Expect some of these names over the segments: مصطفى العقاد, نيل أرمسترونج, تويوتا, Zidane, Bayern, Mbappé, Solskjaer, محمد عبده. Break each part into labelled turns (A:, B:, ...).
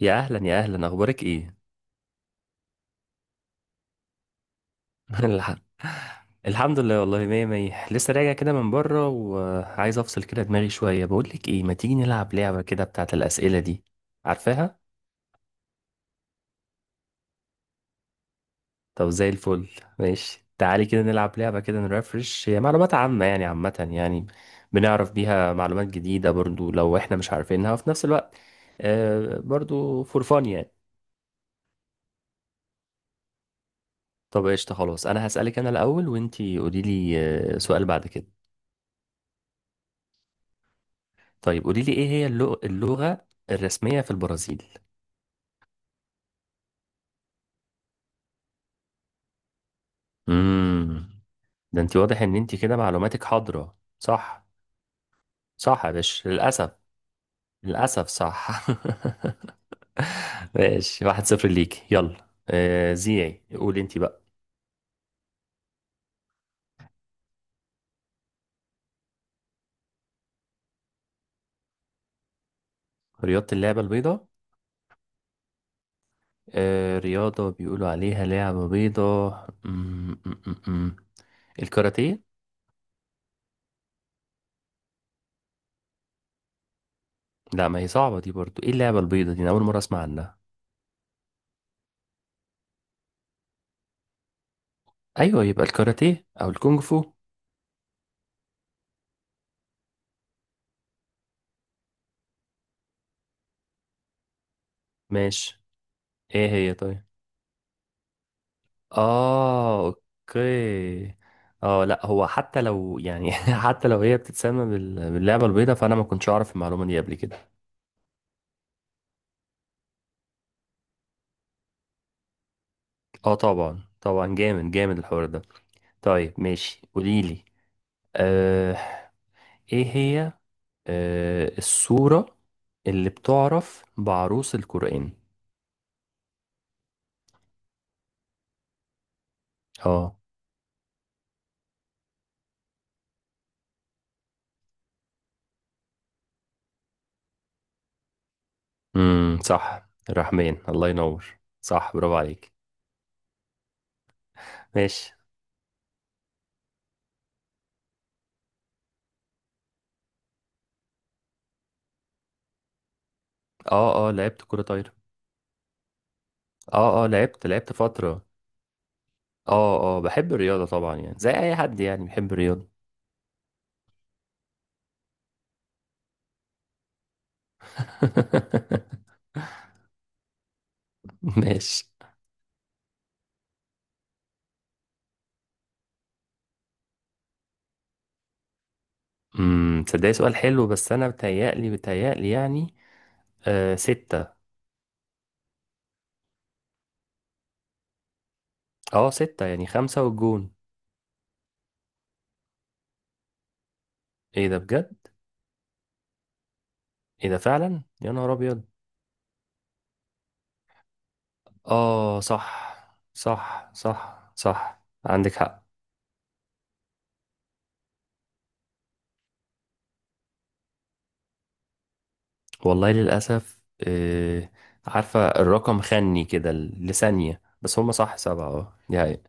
A: يا اهلا يا اهلا، اخبارك ايه؟ الح- الحمد لله والله، مية مية. لسه راجع كده من بره وعايز افصل كده دماغي شويه. بقول لك ايه، ما تيجي نلعب لعبه كده بتاعت الاسئله دي؟ عارفاها؟ طب زي الفل. ماشي تعالي كده نلعب لعبه كده نرفرش. هي معلومات عامه يعني، عامه يعني بنعرف بيها معلومات جديده برضو لو احنا مش عارفينها، وفي نفس الوقت برضو فور فان يعني. طب قشطه، خلاص انا هسالك انا الاول وانتي قولي لي. سؤال بعد كده. طيب قولي لي، ايه هي اللغة الرسمية في البرازيل؟ امم، ده انت واضح ان انت كده معلوماتك حاضرة، صح. صح يا باشا، للأسف. للأسف صح. ماشي، 1-0 ليك. يلا زيعي، قولي انت بقى. رياضة اللعبة البيضاء؟ آه، رياضة بيقولوا عليها لعبة بيضاء. الكاراتيه. لا، ما هي صعبة دي برضو. ايه اللعبة البيضاء دي؟ انا اول مرة اسمع عنها. ايوه، يبقى الكاراتيه او الكونغ فو. ماشي. ايه هي طيب؟ اه، اوكي. اه لا، هو حتى لو يعني حتى لو هي بتتسمى باللعبة البيضاء، فانا ما كنتش اعرف المعلومة دي قبل كده. اه طبعا، طبعا، جامد جامد الحوار ده. طيب ماشي قوليلي. آه ايه هي. السورة اللي بتعرف بعروس القرآن. اه. صح، الرحمن. الله ينور، صح، برافو عليك. ماشي. اه اه، لعبت كرة طايرة. اه اه، لعبت لعبت فترة. اه اه، بحب الرياضة طبعا يعني، زي اي حد يعني بحب الرياضة. ماشي. تصدقي سؤال حلو، بس انا بتهيألي بتهيألي يعني. 6. اه 6، يعني 5 والجون. ايه ده بجد؟ ايه ده فعلا، يا نهار ابيض. اه صح، صح صح صح، عندك حق. والله للأسف. آه عارفة، الرقم خني كده لثانية بس. هما صح 7، اه دي حقيقة.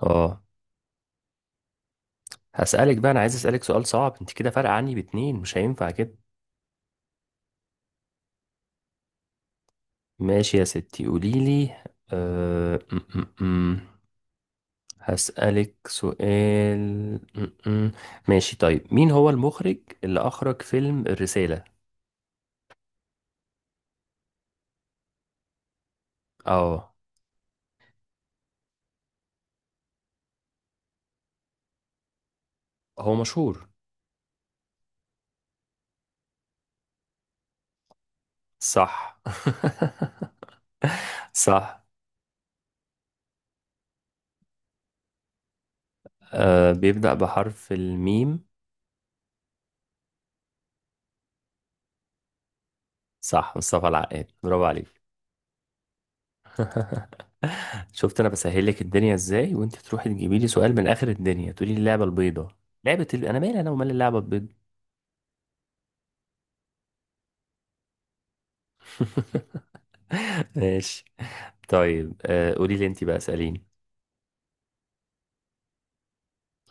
A: اه، هسألك بقى. أنا عايز أسألك سؤال صعب. أنت كده فارقة عني باتنين، مش هينفع كده. ماشي يا ستي قوليلي. أه... م- م- م. هسألك سؤال. م- م. ماشي طيب، مين هو المخرج اللي أخرج فيلم الرسالة؟ اه، هو مشهور. صح. صح. بيبدأ بحرف الميم. صح، مصطفى العقاد، برافو عليك. شفت انا بسهلك الدنيا ازاي، وانت تروحي تجيبي لي سؤال من اخر الدنيا، تقولي لي اللعبه البيضاء. انا مالي انا ومال اللعبه البيضاء. ماشي طيب، قولي لي انت بقى، اساليني.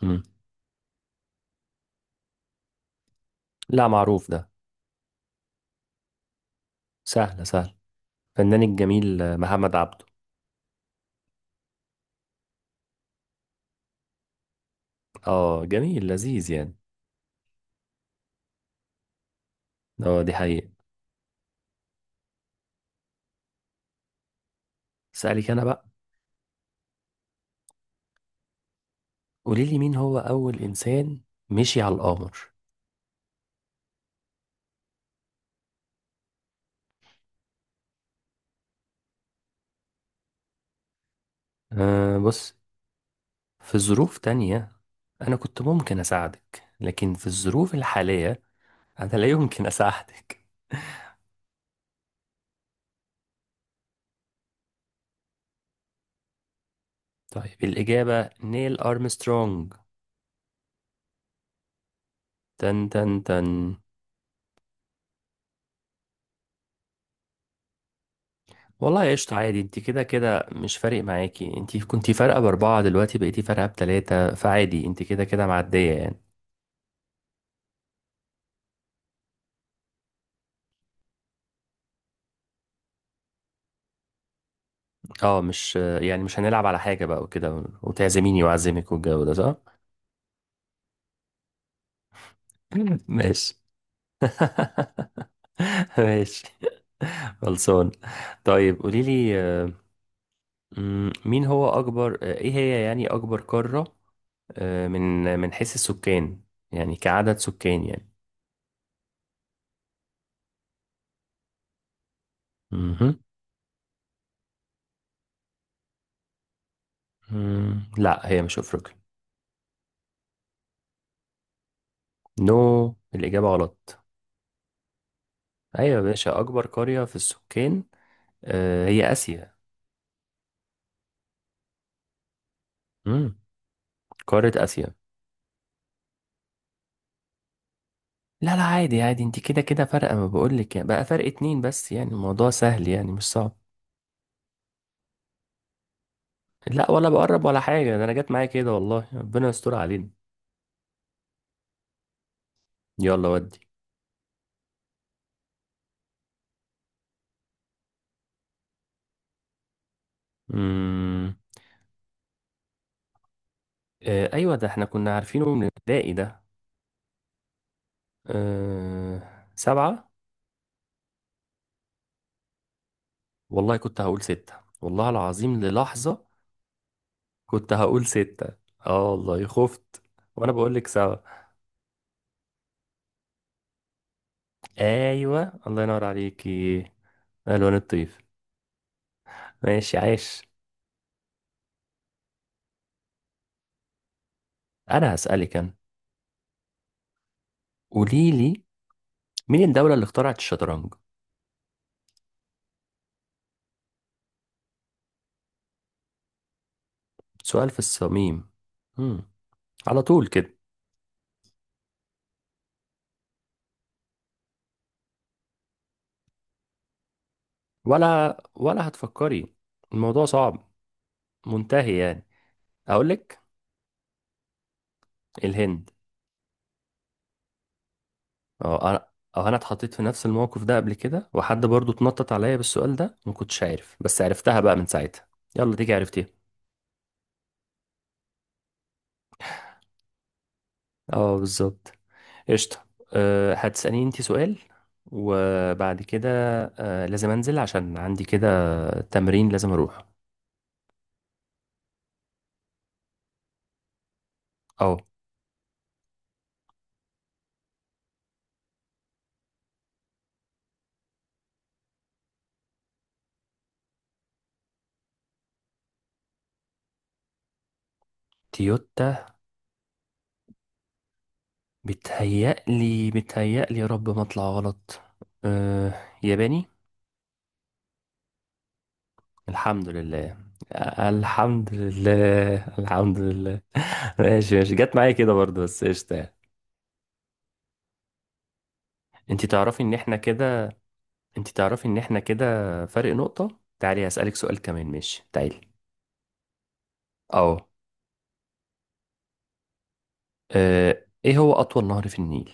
A: مم. لا، معروف ده. سهله سهله. فنان الجميل، محمد عبده. اه، جميل، لذيذ يعني. اه دي حقيقه. اسالك انا بقى. قولي لي، مين هو اول انسان مشي على القمر؟ بص، في ظروف تانية انا كنت ممكن اساعدك، لكن في الظروف الحاليه أنا لا يمكن أساعدك. طيب الإجابة نيل أرمسترونج. تن تن تن. والله قشطة، عادي. انت كده كده مش فارق معاكي. انت كنتي فارقة بأربعة، دلوقتي بقيتي فارقة بتلاتة، فعادي، انت كده كده معدية يعني. اه مش يعني، مش هنلعب على حاجة بقى وكده، وتعزميني وأعزمك والجو ده، صح؟ ماشي. ماشي. خلصان. طيب قوليلي، مين هو أكبر، ايه هي يعني أكبر قارة من حيث السكان؟ يعني كعدد سكان يعني. مهم. لا، هي مش أفريقيا. نو، الإجابة غلط. أيوة يا باشا، أكبر قرية في السكان هي آسيا. مم، قارة آسيا. لا لا، عادي عادي. انت كده كده فرق، ما بقولك يعني، بقى فرق اتنين بس، يعني الموضوع سهل، يعني مش صعب. لا، ولا بقرب ولا حاجة. ده أنا جت معايا كده، والله ربنا يستر علينا. يلا ودي. مم. أيوة، ده احنا كنا عارفينه من الابتدائي ده. 7. والله كنت هقول 6، والله العظيم للحظة كنت هقول ستة، اه والله خفت. وانا بقول لك سوا. ايوه، الله ينور عليكي. الوان الطيف. ماشي، عاش. انا هسألك انا. قولي لي، مين الدولة اللي اخترعت الشطرنج؟ سؤال في الصميم. مم. على طول كده. ولا هتفكري، الموضوع صعب منتهي يعني. اقول لك، الهند. اه انا، اه انا اتحطيت في نفس الموقف ده قبل كده، وحد برضو اتنطط عليا بالسؤال ده ما كنتش عارف، بس عرفتها بقى من ساعتها. يلا، ديك عرفتيها. اه بالظبط. قشطة. هتسأليني انت سؤال، وبعد كده لازم انزل، عشان عندي كده تمرين لازم اروح. اه. تويوتا. بتهيألي بتهيألي، يا رب ما اطلع غلط. أه ياباني. الحمد لله، الحمد لله، الحمد لله. ماشي ماشي، جت معايا كده برضو، بس قشطة يعني. انت تعرفي ان احنا كده، انت تعرفي ان احنا كده فرق نقطة. تعالي هسألك سؤال كمان، ماشي تعالي. اه، اه، ايه هو اطول نهر في النيل؟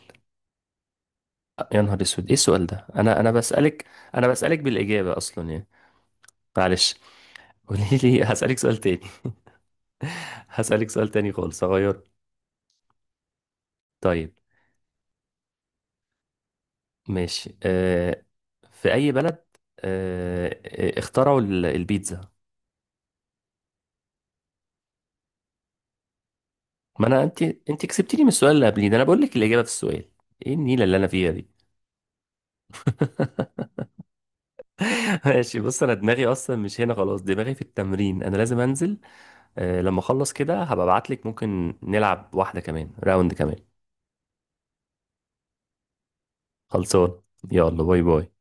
A: يا نهار اسود، ايه السؤال ده؟ انا بسألك انا بسألك بالإجابة اصلا يعني. معلش، قولي لي. هسألك سؤال تاني. هسألك سؤال تاني خالص، هغيره. طيب ماشي. اه في اي بلد اه، اخترعوا البيتزا؟ ما انا، انت كسبتيني من السؤال اللي قبليه ده، انا بقول لك الإجابة في السؤال. ايه النيلة اللي انا فيها دي. ماشي، بص انا دماغي اصلا مش هنا خلاص، دماغي في التمرين، انا لازم انزل. لما اخلص كده هبقى ابعتلك، ممكن نلعب واحدة كمان، راوند كمان. خلصان. يلا، باي باي.